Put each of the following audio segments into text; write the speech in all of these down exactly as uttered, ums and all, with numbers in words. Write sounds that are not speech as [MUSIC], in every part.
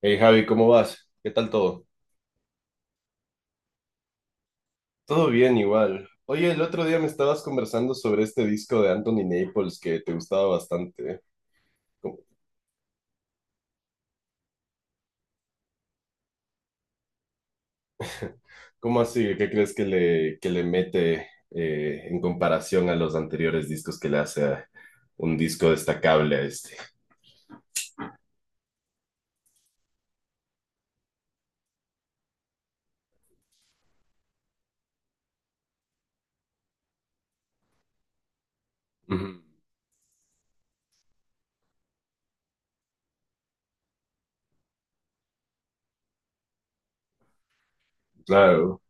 Hey Javi, ¿cómo vas? ¿Qué tal todo? Todo bien igual. Oye, el otro día me estabas conversando sobre este disco de Anthony Naples que te gustaba bastante. ¿Cómo, cómo así? ¿Qué crees que le, que le mete eh, en comparación a los anteriores discos que le hace a un disco destacable a este? Ujú. Claro.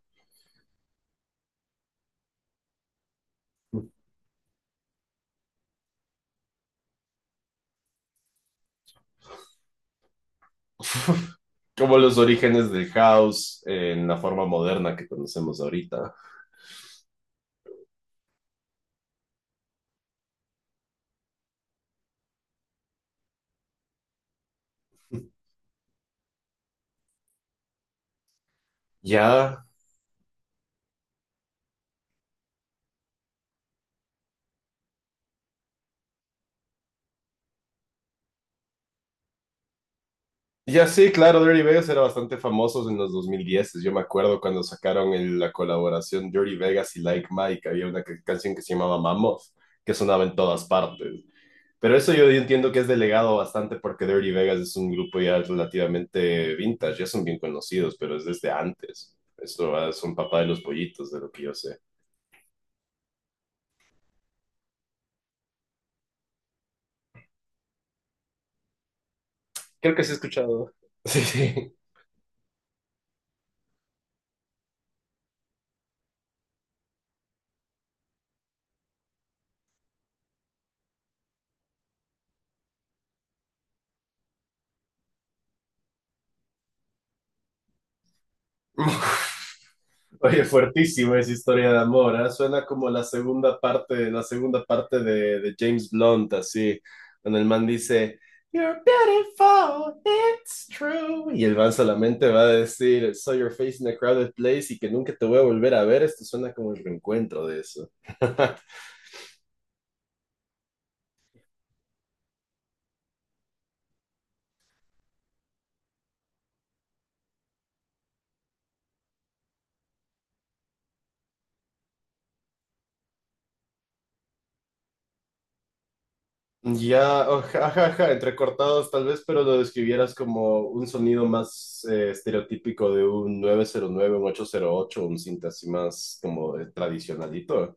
[LAUGHS] Como los orígenes del house en la forma moderna que conocemos ahorita. Ya, ya sí, claro, Dirty Vegas era bastante famosos en los dos mil diez. Yo me acuerdo cuando sacaron el- la colaboración Dirty Vegas y Like Mike, había una ca- canción que se llamaba Mammoth, que sonaba en todas partes. Pero eso yo entiendo que es delegado bastante porque Dirty Vegas es un grupo ya relativamente vintage, ya son bien conocidos, pero es desde antes. Esto ah, son papá de los pollitos, de lo que yo sé. Creo que sí he escuchado. [LAUGHS] Sí, sí. [LAUGHS] Oye, fuertísimo esa historia de amor, ¿ah? Suena como la segunda parte, la segunda parte de, de James Blunt, así, cuando el man dice, You're beautiful, it's true. Y el man solamente va a decir, Saw your face in a crowded place y que nunca te voy a volver a ver. Esto suena como el reencuentro de eso. [LAUGHS] Ya, jajaja, entrecortados tal vez, pero lo describieras como un sonido más eh, estereotípico de un nueve cero nueve, un ocho cero ocho, un cinta así más como de tradicionalito.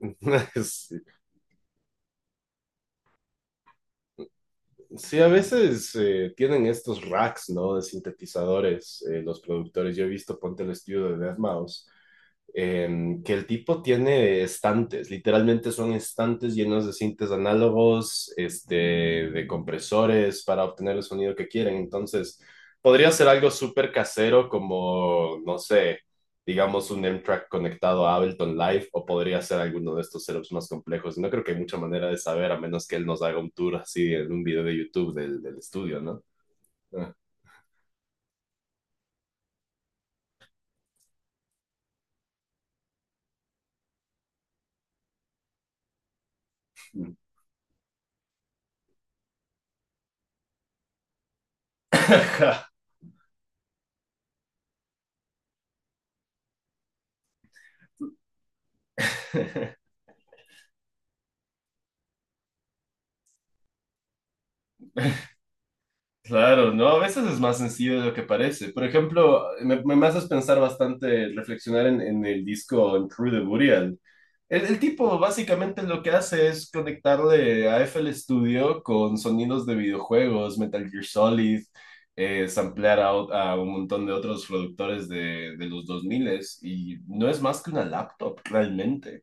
[LAUGHS] Sí, sí, a veces eh, tienen estos racks, ¿no? De sintetizadores, eh, los productores. Yo he visto, ponte el estudio de deadmouse, em, que el tipo tiene estantes, literalmente son estantes llenos de cintas análogos, este, de compresores para obtener el sonido que quieren. Entonces, podría ser algo súper casero como, no sé, digamos un M-Track conectado a Ableton Live, o podría ser alguno de estos setups más complejos. No creo que hay mucha manera de saber a menos que él nos haga un tour así en un video de YouTube del, del estudio, ¿no? Ah. [LAUGHS] Claro, ¿no? A veces es más sencillo de lo que parece. Por ejemplo, me, me me haces pensar bastante, reflexionar en, en el disco en True the Burial. El, el tipo básicamente lo que hace es conectarle a F L Studio con sonidos de videojuegos, Metal Gear Solid, eh, samplear a, o- a un montón de otros productores de, de los dos mil, y no es más que una laptop realmente.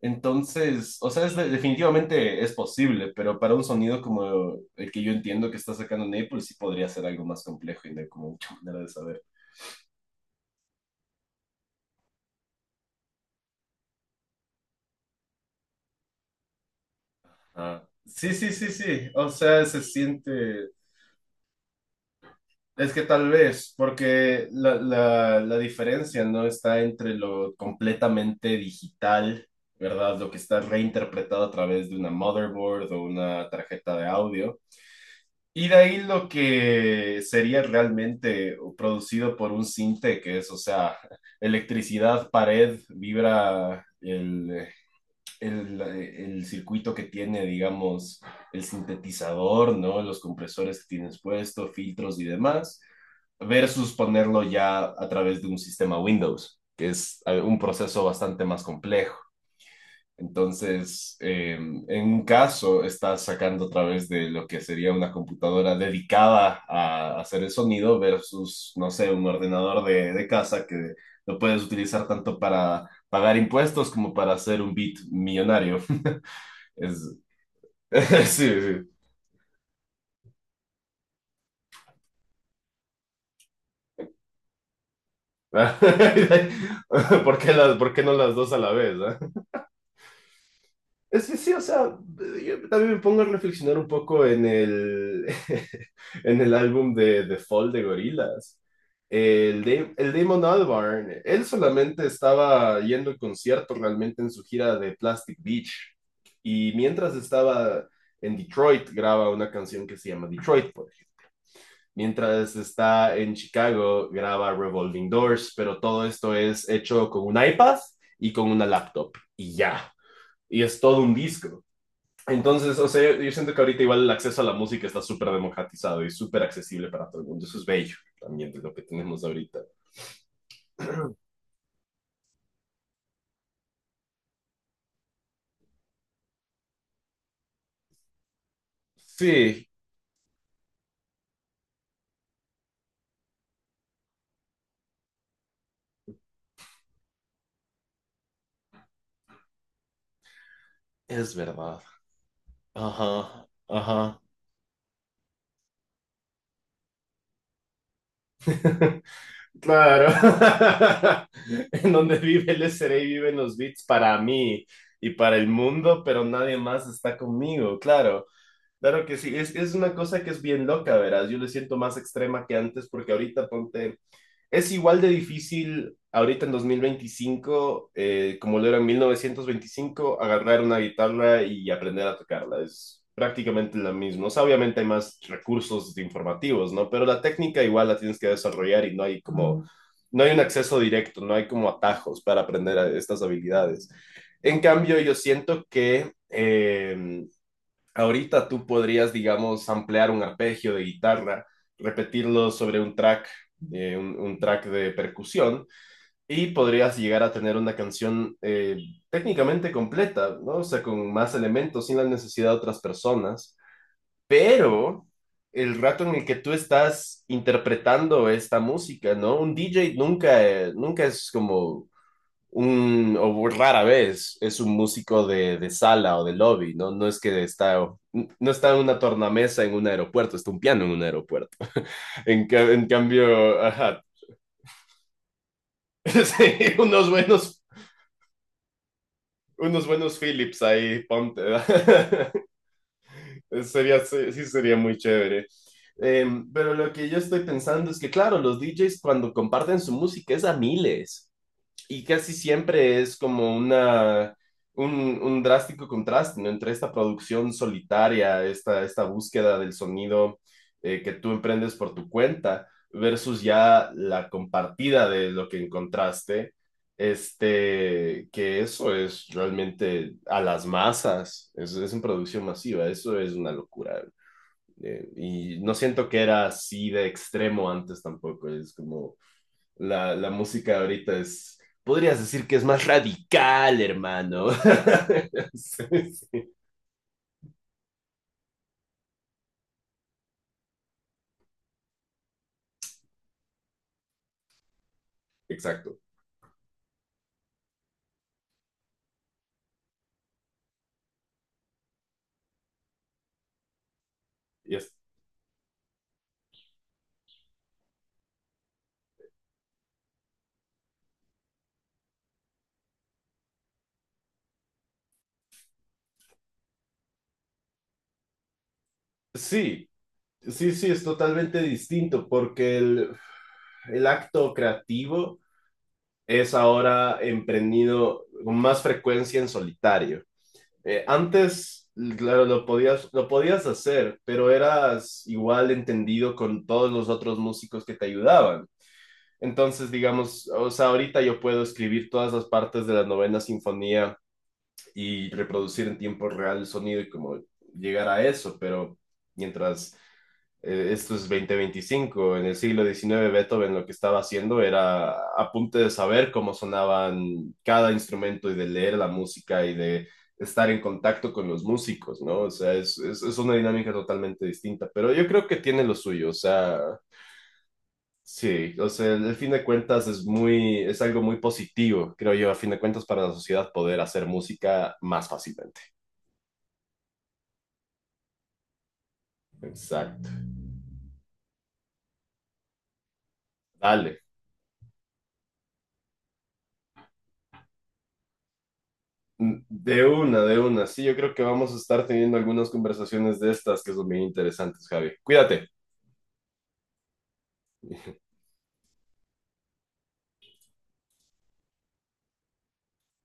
Entonces, o sea, es de- definitivamente es posible, pero para un sonido como el que yo entiendo que está sacando Naples, sí podría ser algo más complejo y no hay como mucha [LAUGHS] manera de saber. Ah. Sí, sí, sí, sí. O sea, se siente. Es que tal vez, porque la, la, la diferencia no está entre lo completamente digital, ¿verdad? Lo que está reinterpretado a través de una motherboard o una tarjeta de audio, y de ahí lo que sería realmente producido por un cinte, que es, o sea, electricidad, pared, vibra, el, el, el circuito que tiene, digamos, el sintetizador, ¿no? Los compresores que tienes puesto, filtros y demás, versus ponerlo ya a través de un sistema Windows, que es eh, un proceso bastante más complejo entonces, eh, en un caso, estás sacando a través de lo que sería una computadora dedicada a hacer el sonido versus, no sé, un ordenador de, de casa que lo puedes utilizar tanto para pagar impuestos como para hacer un beat millonario. Es, [LAUGHS] sí, sí. [LAUGHS] ¿Por qué las, por qué no las dos a la vez? ¿Ah? Es que sí, o sea, yo también me pongo a reflexionar un poco en el, [LAUGHS] en el álbum de The Fall de Gorillaz. El, Da- el Damon Albarn, él solamente estaba yendo al concierto realmente en su gira de Plastic Beach. Y mientras estaba en Detroit, graba una canción que se llama Detroit, por ejemplo. Mientras está en Chicago, graba Revolving Doors, pero todo esto es hecho con un iPad y con una laptop. Y ya. Y es todo un disco. Entonces, o sea, yo siento que ahorita igual el acceso a la música está súper democratizado y súper accesible para todo el mundo. Eso es bello también de lo que tenemos ahorita. Sí, es verdad. Ajá, ajá. [LAUGHS] Claro. [LAUGHS] En donde vive el S R A viven los beats para mí y para el mundo, pero nadie más está conmigo, claro. Claro que sí, es, es una cosa que es bien loca, verás. Yo le siento más extrema que antes porque ahorita ponte, es igual de difícil ahorita en dos mil veinticinco, eh, como lo era en mil novecientos veinticinco agarrar una guitarra y aprender a tocarla. Es prácticamente lo mismo. O sea, obviamente hay más recursos informativos, ¿no? Pero la técnica igual la tienes que desarrollar y no hay como, no hay un acceso directo, no hay como atajos para aprender a- estas habilidades. En cambio, yo siento que eh, ahorita tú podrías, digamos, ampliar un arpegio de guitarra, repetirlo sobre un track, eh, un, un, track de percusión, y podrías llegar a tener una canción eh, técnicamente completa, ¿no? O sea, con más elementos, sin la necesidad de otras personas. Pero el rato en el que tú estás interpretando esta música, ¿no? Un D J nunca, eh, nunca es como un, o rara vez es un músico de, de sala o de lobby, ¿no? No es que está, no está en una tornamesa en un aeropuerto, está un piano en un aeropuerto. En, ca- en cambio, ajá, [LAUGHS] sí, unos buenos, unos buenos Philips ahí, ponte, ¿verdad? [LAUGHS] Sería, sí, sí sería muy chévere. Em, pero lo que yo estoy pensando es que, claro, los D Js cuando comparten su música es a miles, y casi siempre es como una, un, un drástico contraste, ¿no? Entre esta producción solitaria, esta, esta búsqueda del sonido eh, que tú emprendes por tu cuenta, versus ya la compartida de lo que encontraste, este, que eso es realmente a las masas, es, es en producción masiva, eso es una locura. Eh, y no siento que era así de extremo antes tampoco, es como la, la música ahorita es, podrías decir que es más radical, hermano. [LAUGHS] Sí, sí, exacto. Y sí, sí, sí, es totalmente distinto porque el, el acto creativo es ahora emprendido con más frecuencia en solitario. Eh, antes, claro, lo podías, lo podías hacer, pero eras igual entendido con todos los otros músicos que te ayudaban. Entonces, digamos, o sea, ahorita yo puedo escribir todas las partes de la novena sinfonía y reproducir en tiempo real el sonido y como llegar a eso, pero mientras eh, esto es veinte veinticinco en el siglo diecinueve, Beethoven lo que estaba haciendo era apunte de saber cómo sonaban cada instrumento y de leer la música y de estar en contacto con los músicos, ¿no? O sea, es, es, es una dinámica totalmente distinta, pero yo creo que tiene lo suyo, o sea, sí, o sea, al fin de cuentas es muy, es algo muy positivo, creo yo, a fin de cuentas para la sociedad poder hacer música más fácilmente. Exacto. Dale. Mm, de una, de una. Sí, yo creo que vamos a estar teniendo algunas conversaciones de estas que son bien interesantes, Javi. Cuídate.